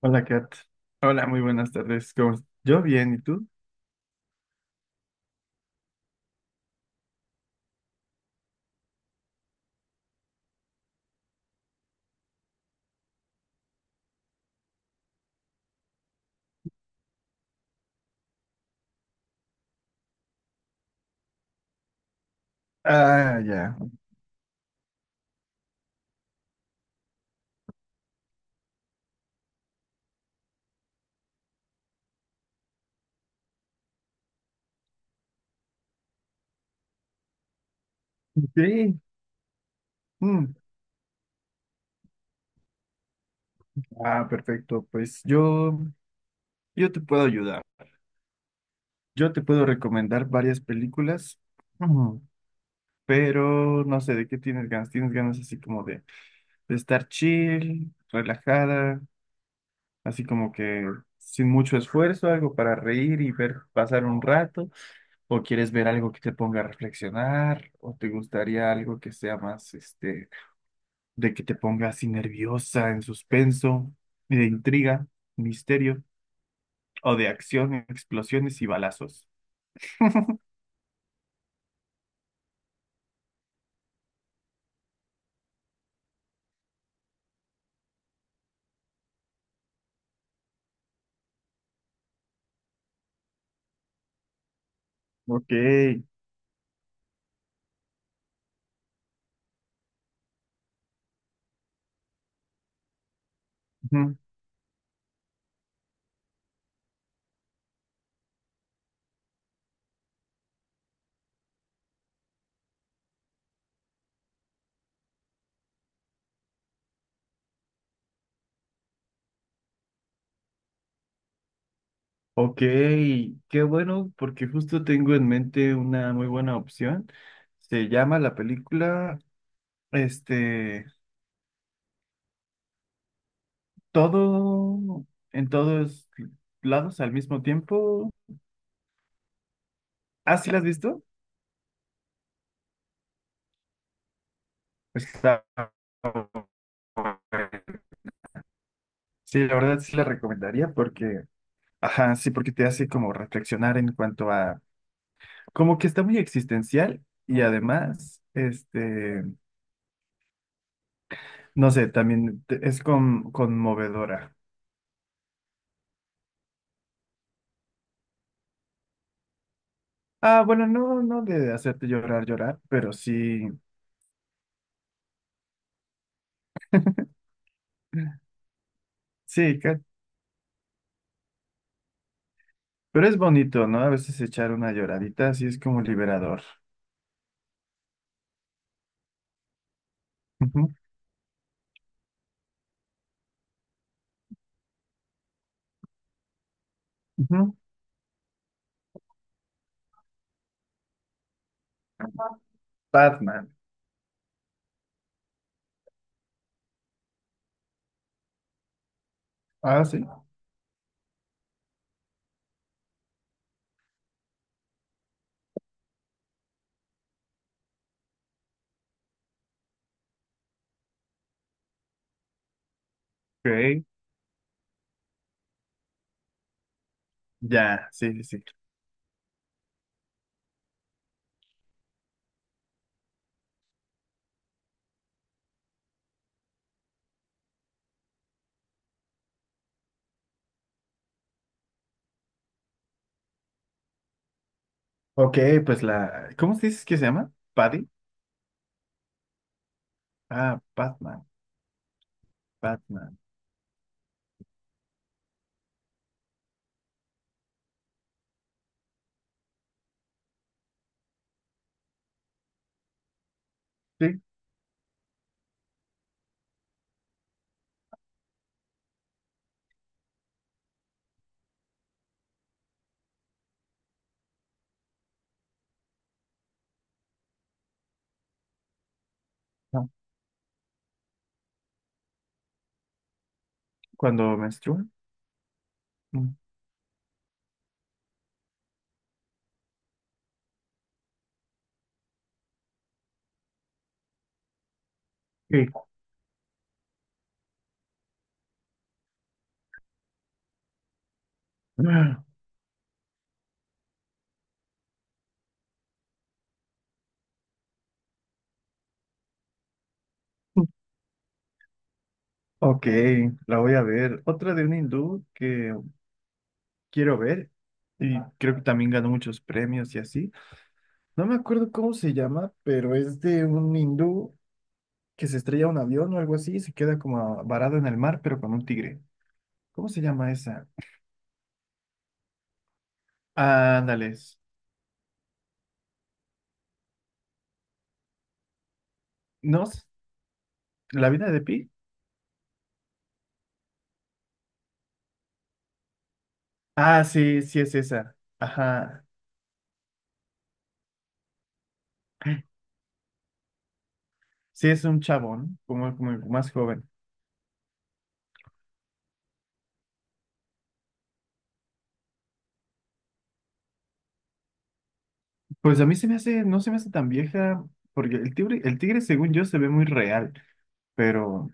Hola, Kat. Hola, muy buenas tardes. ¿Cómo estás? Yo bien, ¿y tú? Ah, ya. Sí. Mm. Ah, perfecto. Pues yo te puedo ayudar. Yo te puedo recomendar varias películas, ujú, pero no sé de qué tienes ganas. ¿Tienes ganas así como de estar chill, relajada, así como que sin mucho esfuerzo, algo para reír y ver pasar un rato? ¿O quieres ver algo que te ponga a reflexionar? ¿O te gustaría algo que sea más, este, de que te ponga así nerviosa, en suspenso, de intriga, misterio, o de acción, explosiones y balazos? Ok. Ujú. Ok, qué bueno, porque justo tengo en mente una muy buena opción. Se llama la película, este, todo en todos lados al mismo tiempo. ¿Ah, sí la has visto? Está. Sí, la verdad sí la recomendaría porque, ajá, sí, porque te hace como reflexionar en cuanto a, como que está muy existencial y además, este, no sé, también es conmovedora. Ah, bueno, no, no de hacerte llorar, llorar, pero sí, sí, ca- pero es bonito, ¿no? A veces echar una lloradita, así es como liberador. Ujú, ujú. Batman. Ah, sí. Ok. Ya, sí, sí, sí. Ok, pues la, ¿cómo dices que se llama? ¿Paddy? Ah, Batman, Batman. Sí. Cuando menstrua. Ok. Ok, la voy a ver. Otra de un hindú que quiero ver y creo que también ganó muchos premios y así. No me acuerdo cómo se llama, pero es de un hindú que se estrella un avión o algo así y se queda como varado en el mar, pero con un tigre. ¿Cómo se llama esa? Ándales. ¿No? ¿La vida de Pi? Ah, sí, sí es esa. Ajá. Sí es un chabón, como el más joven. Pues a mí se me hace, no se me hace tan vieja, porque el tigre según yo se ve muy real, pero,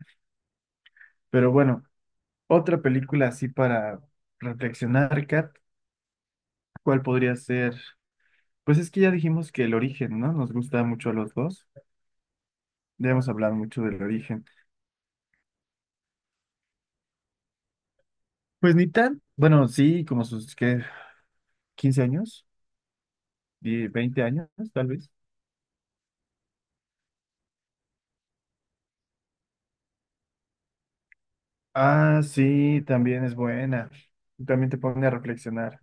pero bueno, otra película así para reflexionar, Kat, ¿cuál podría ser? Pues es que ya dijimos que el origen, ¿no? Nos gusta mucho a los dos, debemos hablar mucho del origen. Pues ni tan, bueno, sí, como sus, ¿qué? 15 años. 20 años, tal vez. Ah, sí, también es buena, también te pone a reflexionar.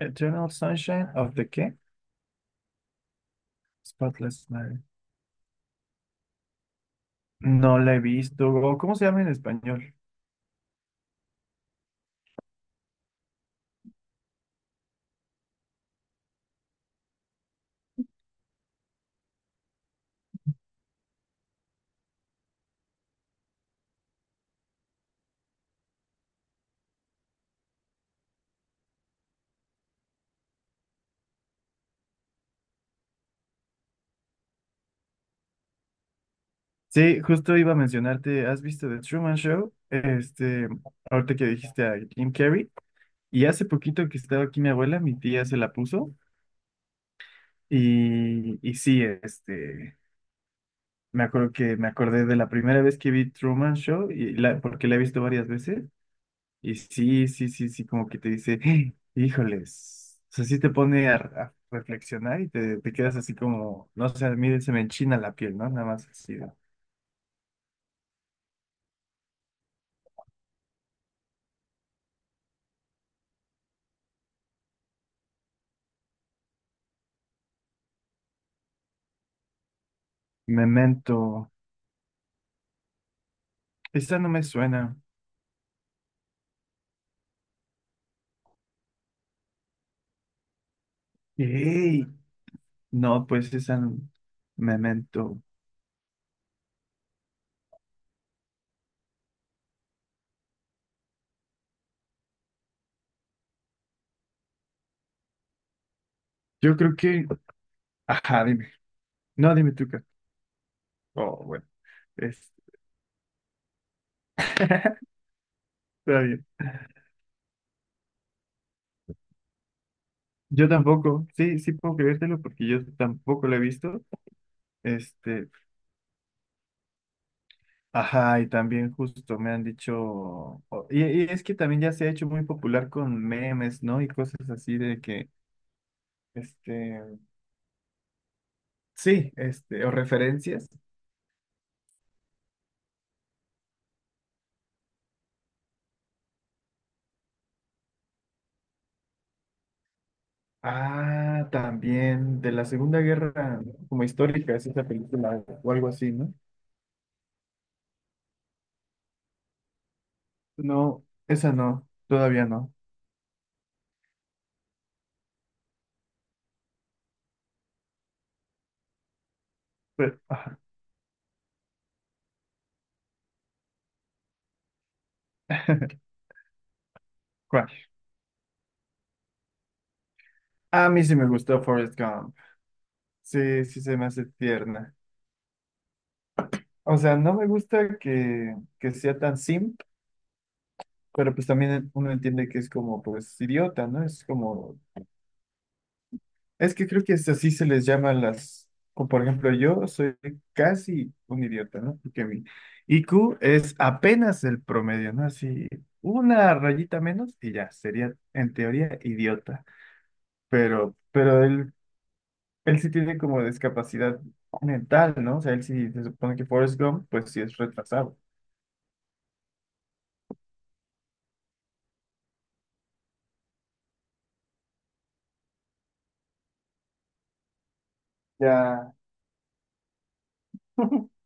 Eternal Sunshine of the, ¿qué? Spotless Night. No la he visto. ¿O cómo se llama en español? Sí, justo iba a mencionarte, ¿has visto The Truman Show? Este, ahorita que dijiste a Jim Carrey. Y hace poquito que estaba aquí mi abuela, mi tía se la puso. Y sí, este, me acuerdo que me acordé de la primera vez que vi Truman Show, y la, porque la he visto varias veces. Y sí, sí, sí, sí, como que te dice: híjoles". O sea, sí te pone a reflexionar y te quedas así como, no sé, a mí se me enchina la piel, ¿no? Nada más así. Memento. Esta no me suena. Ey. No, pues esa no. Memento. Yo creo que. Ajá, dime. No, dime tú, Kat. Oh, bueno. es- Está bien. Yo tampoco. Sí, sí puedo creértelo porque yo tampoco lo he visto. Este, ajá, y también justo me han dicho. Y es que también ya se ha hecho muy popular con memes, ¿no? Y cosas así de que. Este. Sí, este. O referencias. Ah, también de la Segunda Guerra, ¿no?, como histórica, es esa película o algo así, ¿no? No, esa no, todavía no. Pero, ajá. Crash. A mí sí me gustó Forrest Gump. Sí, sí se me hace tierna. O sea, no me gusta que, sea tan simp, pero pues también uno entiende que es como, pues, idiota, ¿no? Es como. Es que creo que es así se les llama a las, como por ejemplo, yo soy casi un idiota, ¿no? Porque mi IQ es apenas el promedio, ¿no? Así, una rayita menos y ya, sería en teoría idiota. Pero él sí tiene como discapacidad mental, ¿no? O sea, él sí se supone que Forrest Gump, pues sí es retrasado. Ya.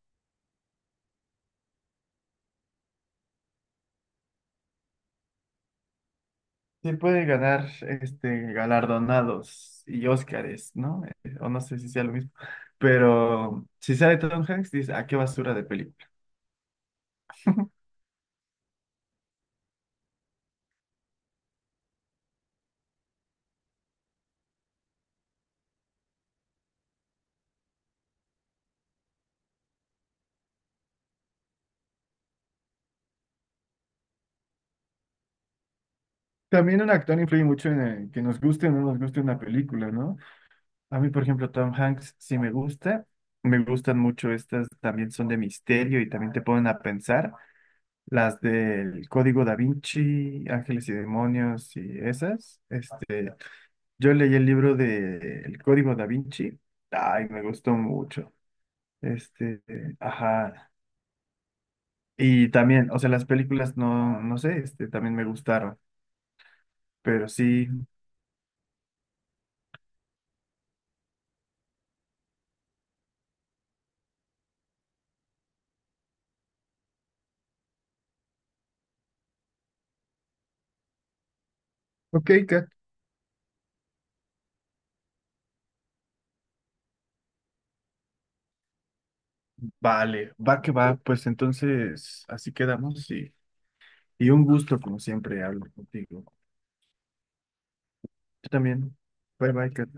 Se puede ganar este galardonados y Óscares, ¿no? O no sé si sea lo mismo. Pero si sale Tom Hanks, dice, ¿a qué basura de película? También un actor influye mucho en el que nos guste o no nos guste una película, ¿no? A mí, por ejemplo, Tom Hanks sí me gusta. Me gustan mucho estas, también son de misterio y también te ponen a pensar. Las del Código Da Vinci, Ángeles y Demonios y esas. Este, yo leí el libro de El Código Da Vinci. Ay, me gustó mucho. Este, ajá. Y también, o sea, las películas no, no sé, este, también me gustaron. Pero sí. Ok, Kat. Vale, va que va, pues entonces así quedamos, y un gusto como siempre hablar contigo. Yo también. Bye bye, Kat.